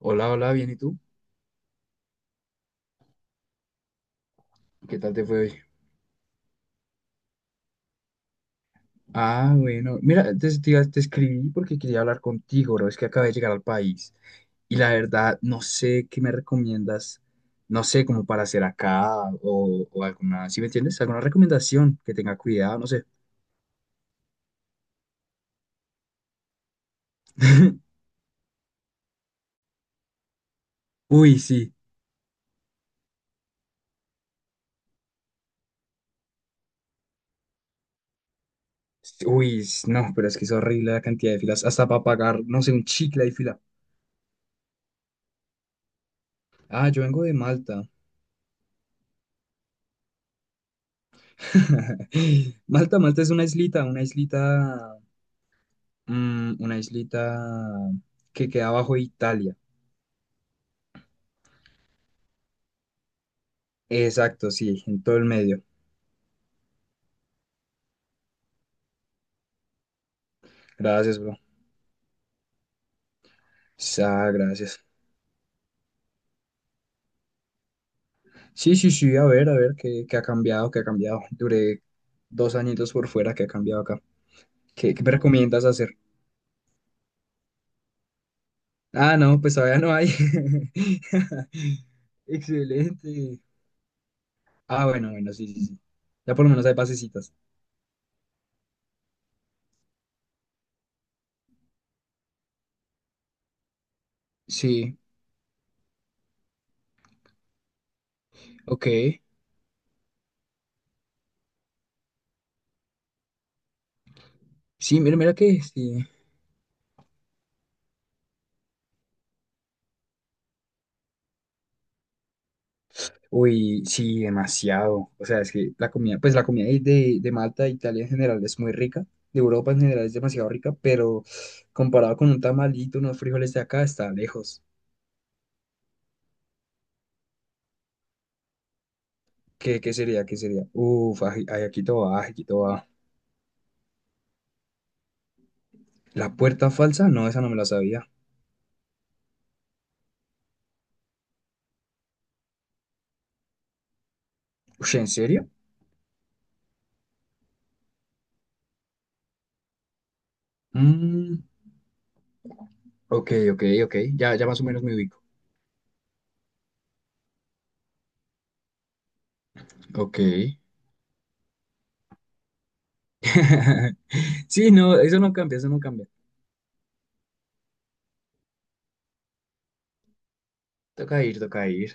Hola, hola, bien, ¿y tú? ¿Qué tal te fue hoy? Ah, bueno, mira, te escribí porque quería hablar contigo, bro. Es que acabé de llegar al país y la verdad no sé qué me recomiendas, no sé, como para hacer acá o alguna, ¿sí me entiendes? ¿Alguna recomendación que tenga cuidado? No sé. Uy, sí. Sí, uy, no, pero es que es horrible la cantidad de filas. Hasta para pagar, no sé, un chicle hay fila. Ah, yo vengo de Malta. Malta es una islita que queda bajo Italia. Exacto, sí, en todo el medio. Gracias, bro. Ah, gracias. Sí, sí, sí, a ver, qué ha cambiado, qué ha cambiado. Duré 2 añitos por fuera, qué ha cambiado acá. ¿Qué me recomiendas hacer? Ah, no, pues todavía no hay. Excelente. Ah, bueno, bueno, sí, sí, sí. Ya por lo menos hay pasecitas. Sí, ok. Sí, mira, mira que sí. Uy, sí, demasiado. O sea, es que la comida ahí de Malta, de Italia en general es muy rica, de Europa en general es demasiado rica, pero comparado con un tamalito, unos frijoles de acá, está lejos. ¿Qué sería? ¿Qué sería? Uf, ay, ay, aquí todo va, aquí todo va. ¿La puerta falsa? No, esa no me la sabía. Ush, ¿en serio? Mm, ok, ok, ok. Ya, ya más o menos me ubico. Ok. Sí, no, eso no cambia, eso no cambia. Toca ir, toca ir.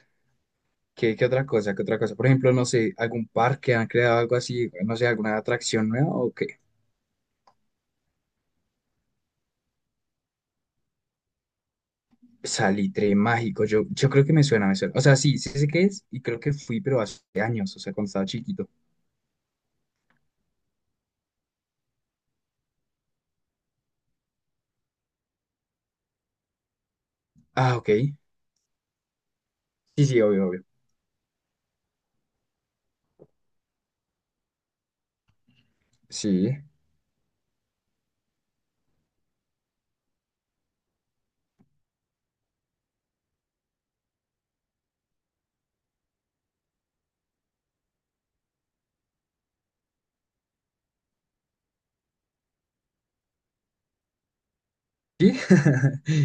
¿Qué otra cosa? ¿Qué otra cosa? Por ejemplo, no sé, algún parque han creado algo así, no sé, alguna atracción nueva o qué. Salitre mágico, yo creo que me suena, me suena. O sea, sí, sí sé qué es y creo que fui, pero hace años, o sea, cuando estaba chiquito. Ah, ok. Sí, sí, obvio, obvio. Sí. ¿Sí?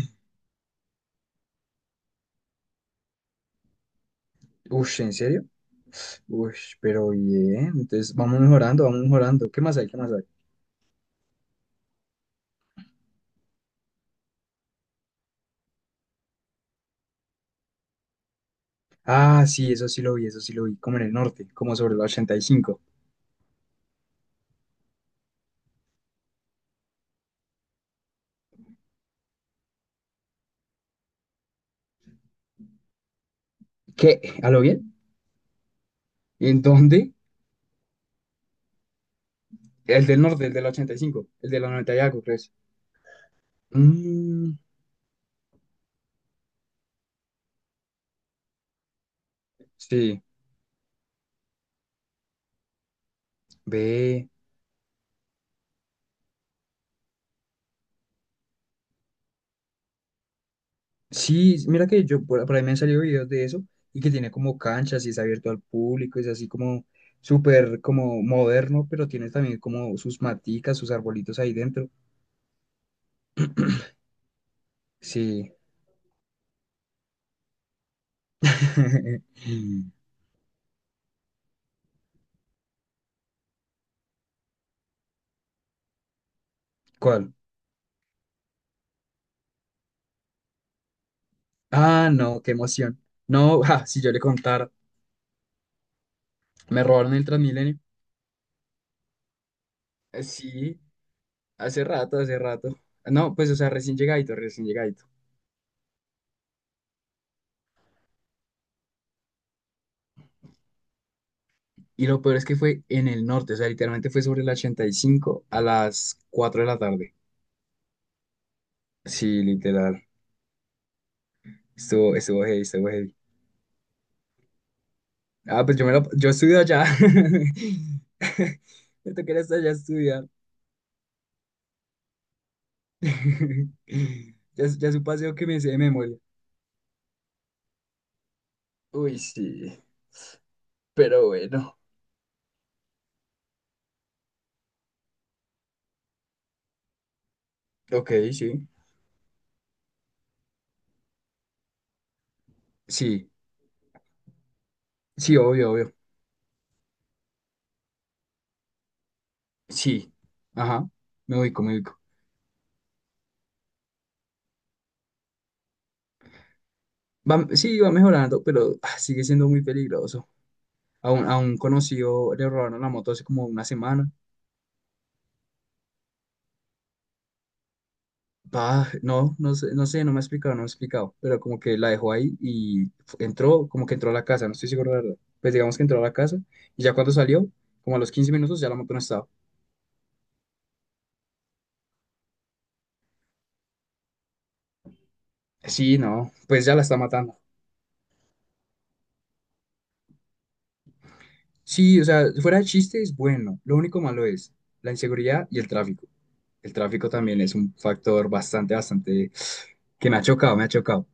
Ush, ¿en serio? Ush, pero bien. Entonces, vamos mejorando, vamos mejorando. ¿Qué más hay? ¿Qué más hay? Ah, sí, eso sí lo vi, eso sí lo vi. Como en el norte, como sobre el 85. ¿Qué? ¿A lo bien? ¿En dónde? El del norte, el del 85, el de la 90 y algo, ¿crees? Mm, sí, ve. Sí, mira que yo por ahí me han salido videos de eso y que tiene como canchas y es abierto al público, es así como súper como moderno, pero tiene también como sus maticas, sus arbolitos ahí dentro. Sí. ¿Cuál? Ah, no, qué emoción. No, ja, si yo le contara, me robaron el Transmilenio. Sí, hace rato, hace rato. No, pues, o sea, recién llegadito, recién llegadito. Y lo peor es que fue en el norte, o sea, literalmente fue sobre el 85 a las 4 de la tarde. Sí, literal. Estuvo heavy, estuvo heavy. Ah, pues yo estudio allá. Me tocó ir hasta allá a estudiar. Ya es un paseo que me sé de memoria. Uy, sí. Pero bueno. Ok, sí. Sí, sí, obvio, obvio. Sí. Ajá. Me ubico, me ubico. Va, sí, va mejorando, pero sigue siendo muy peligroso. A un conocido le robaron la moto hace como una semana. Ah, no, no sé, no sé, no me ha explicado, no me ha explicado, pero como que la dejó ahí y entró, como que entró a la casa, no estoy seguro, la verdad. Pues digamos que entró a la casa y ya cuando salió, como a los 15 minutos, ya la moto no estaba. Sí, no, pues ya la está matando. Sí, o sea, fuera de chiste es bueno, lo único malo es la inseguridad y el tráfico. El tráfico también es un factor bastante, bastante que me ha chocado, me ha chocado.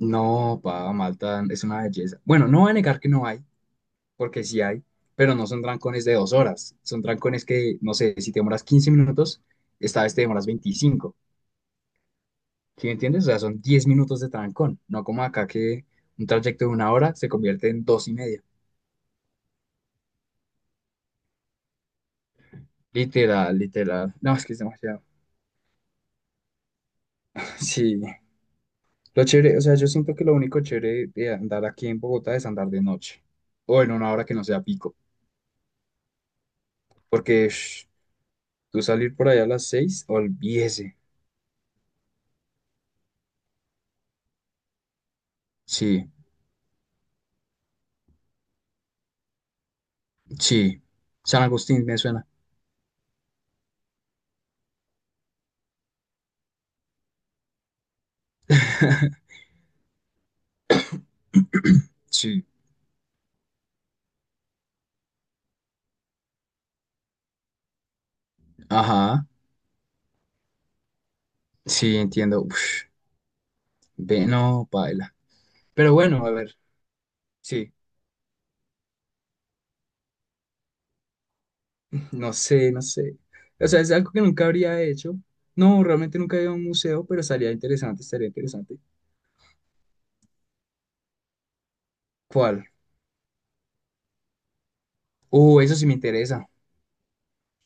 No, pa, Malta es una belleza. Bueno, no voy a negar que no hay, porque sí hay, pero no son trancones de 2 horas, son trancones que, no sé, si te demoras 15 minutos, esta vez te demoras 25, ¿sí me entiendes? O sea, son 10 minutos de trancón, no como acá que un trayecto de 1 hora se convierte en 2 y media. Literal, literal. No, es que es demasiado. Sí. Lo chévere, o sea, yo siento que lo único chévere de andar aquí en Bogotá es andar de noche o en una hora que no sea pico, porque ush, tú salir por allá a las 6, olvídese. Sí, sí. San Agustín me suena. Sí. Ajá, sí, entiendo. Uf, ve, no, paila. Pero bueno, a ver, sí, no sé, no sé. O sea, es algo que nunca habría hecho. No, realmente nunca he ido a un museo, pero estaría interesante, estaría interesante. ¿Cuál? Eso sí me interesa.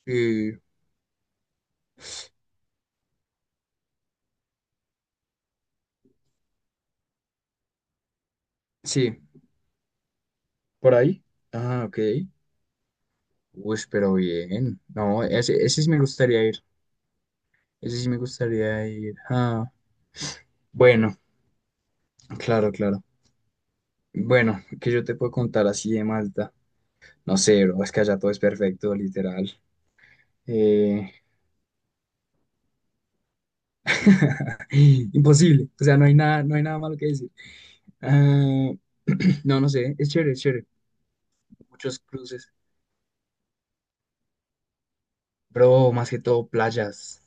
Eh, sí, por ahí. Ah, ok. Uy, pero bien. No, ese sí me gustaría ir. Ese sí me gustaría ir. Ah, bueno, claro, claro. ¿Bueno, que yo te puedo contar así de Malta? No sé, bro, es que allá todo es perfecto, literal. Eh, Imposible, o sea, no hay nada, no hay nada malo que decir. Ah, no, no sé, es chévere, es chévere. Muchos cruces, pero más que todo playas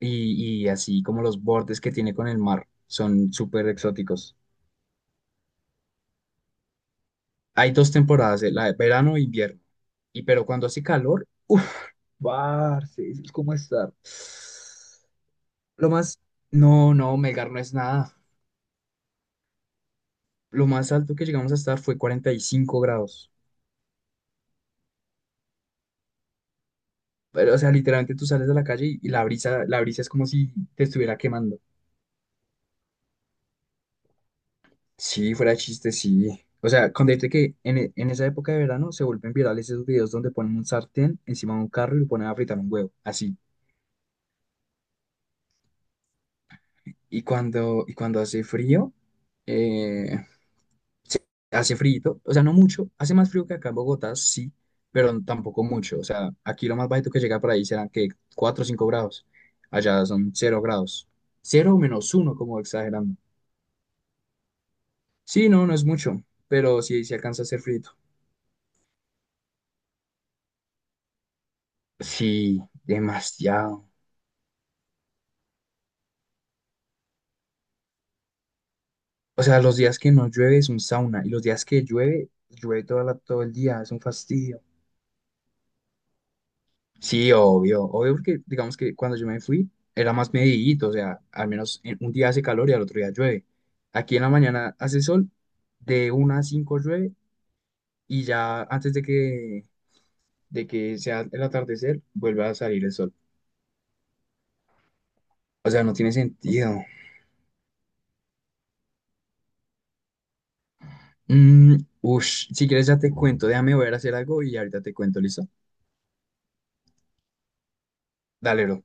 y así como los bordes que tiene con el mar son súper exóticos. Hay dos temporadas, la de verano e invierno. Y pero cuando hace calor, uff, parce, eso es como estar. Lo más, no, no, Melgar no es nada. Lo más alto que llegamos a estar fue 45 grados. Pero, o sea, literalmente tú sales a la calle y la brisa es como si te estuviera quemando. Sí, fuera de chiste, sí. O sea, con decirte que en esa época de verano se vuelven virales esos videos donde ponen un sartén encima de un carro y lo ponen a fritar un huevo, así. Y cuando hace frío, eh, se- hace frío, o sea, no mucho, hace más frío que acá en Bogotá, sí, pero tampoco mucho. O sea, aquí lo más bajito que llega por ahí serán que 4 o 5 grados. Allá son 0 grados. Cero o -1 como exagerando. Sí, no, no es mucho, pero sí, se alcanza a hacer frío. Sí, demasiado. O sea, los días que no llueve es un sauna y los días que llueve, llueve todo el día, es un fastidio. Sí, obvio, obvio porque digamos que cuando yo me fui era más medidito, o sea, al menos un día hace calor y al otro día llueve. Aquí en la mañana hace sol, de 1 a 5 llueve y ya antes de que sea el atardecer vuelve a salir el sol. O sea, no tiene sentido. Mm, Ush, si quieres ya te cuento, déjame ver a hacer algo y ahorita te cuento, ¿listo? Dale, bro.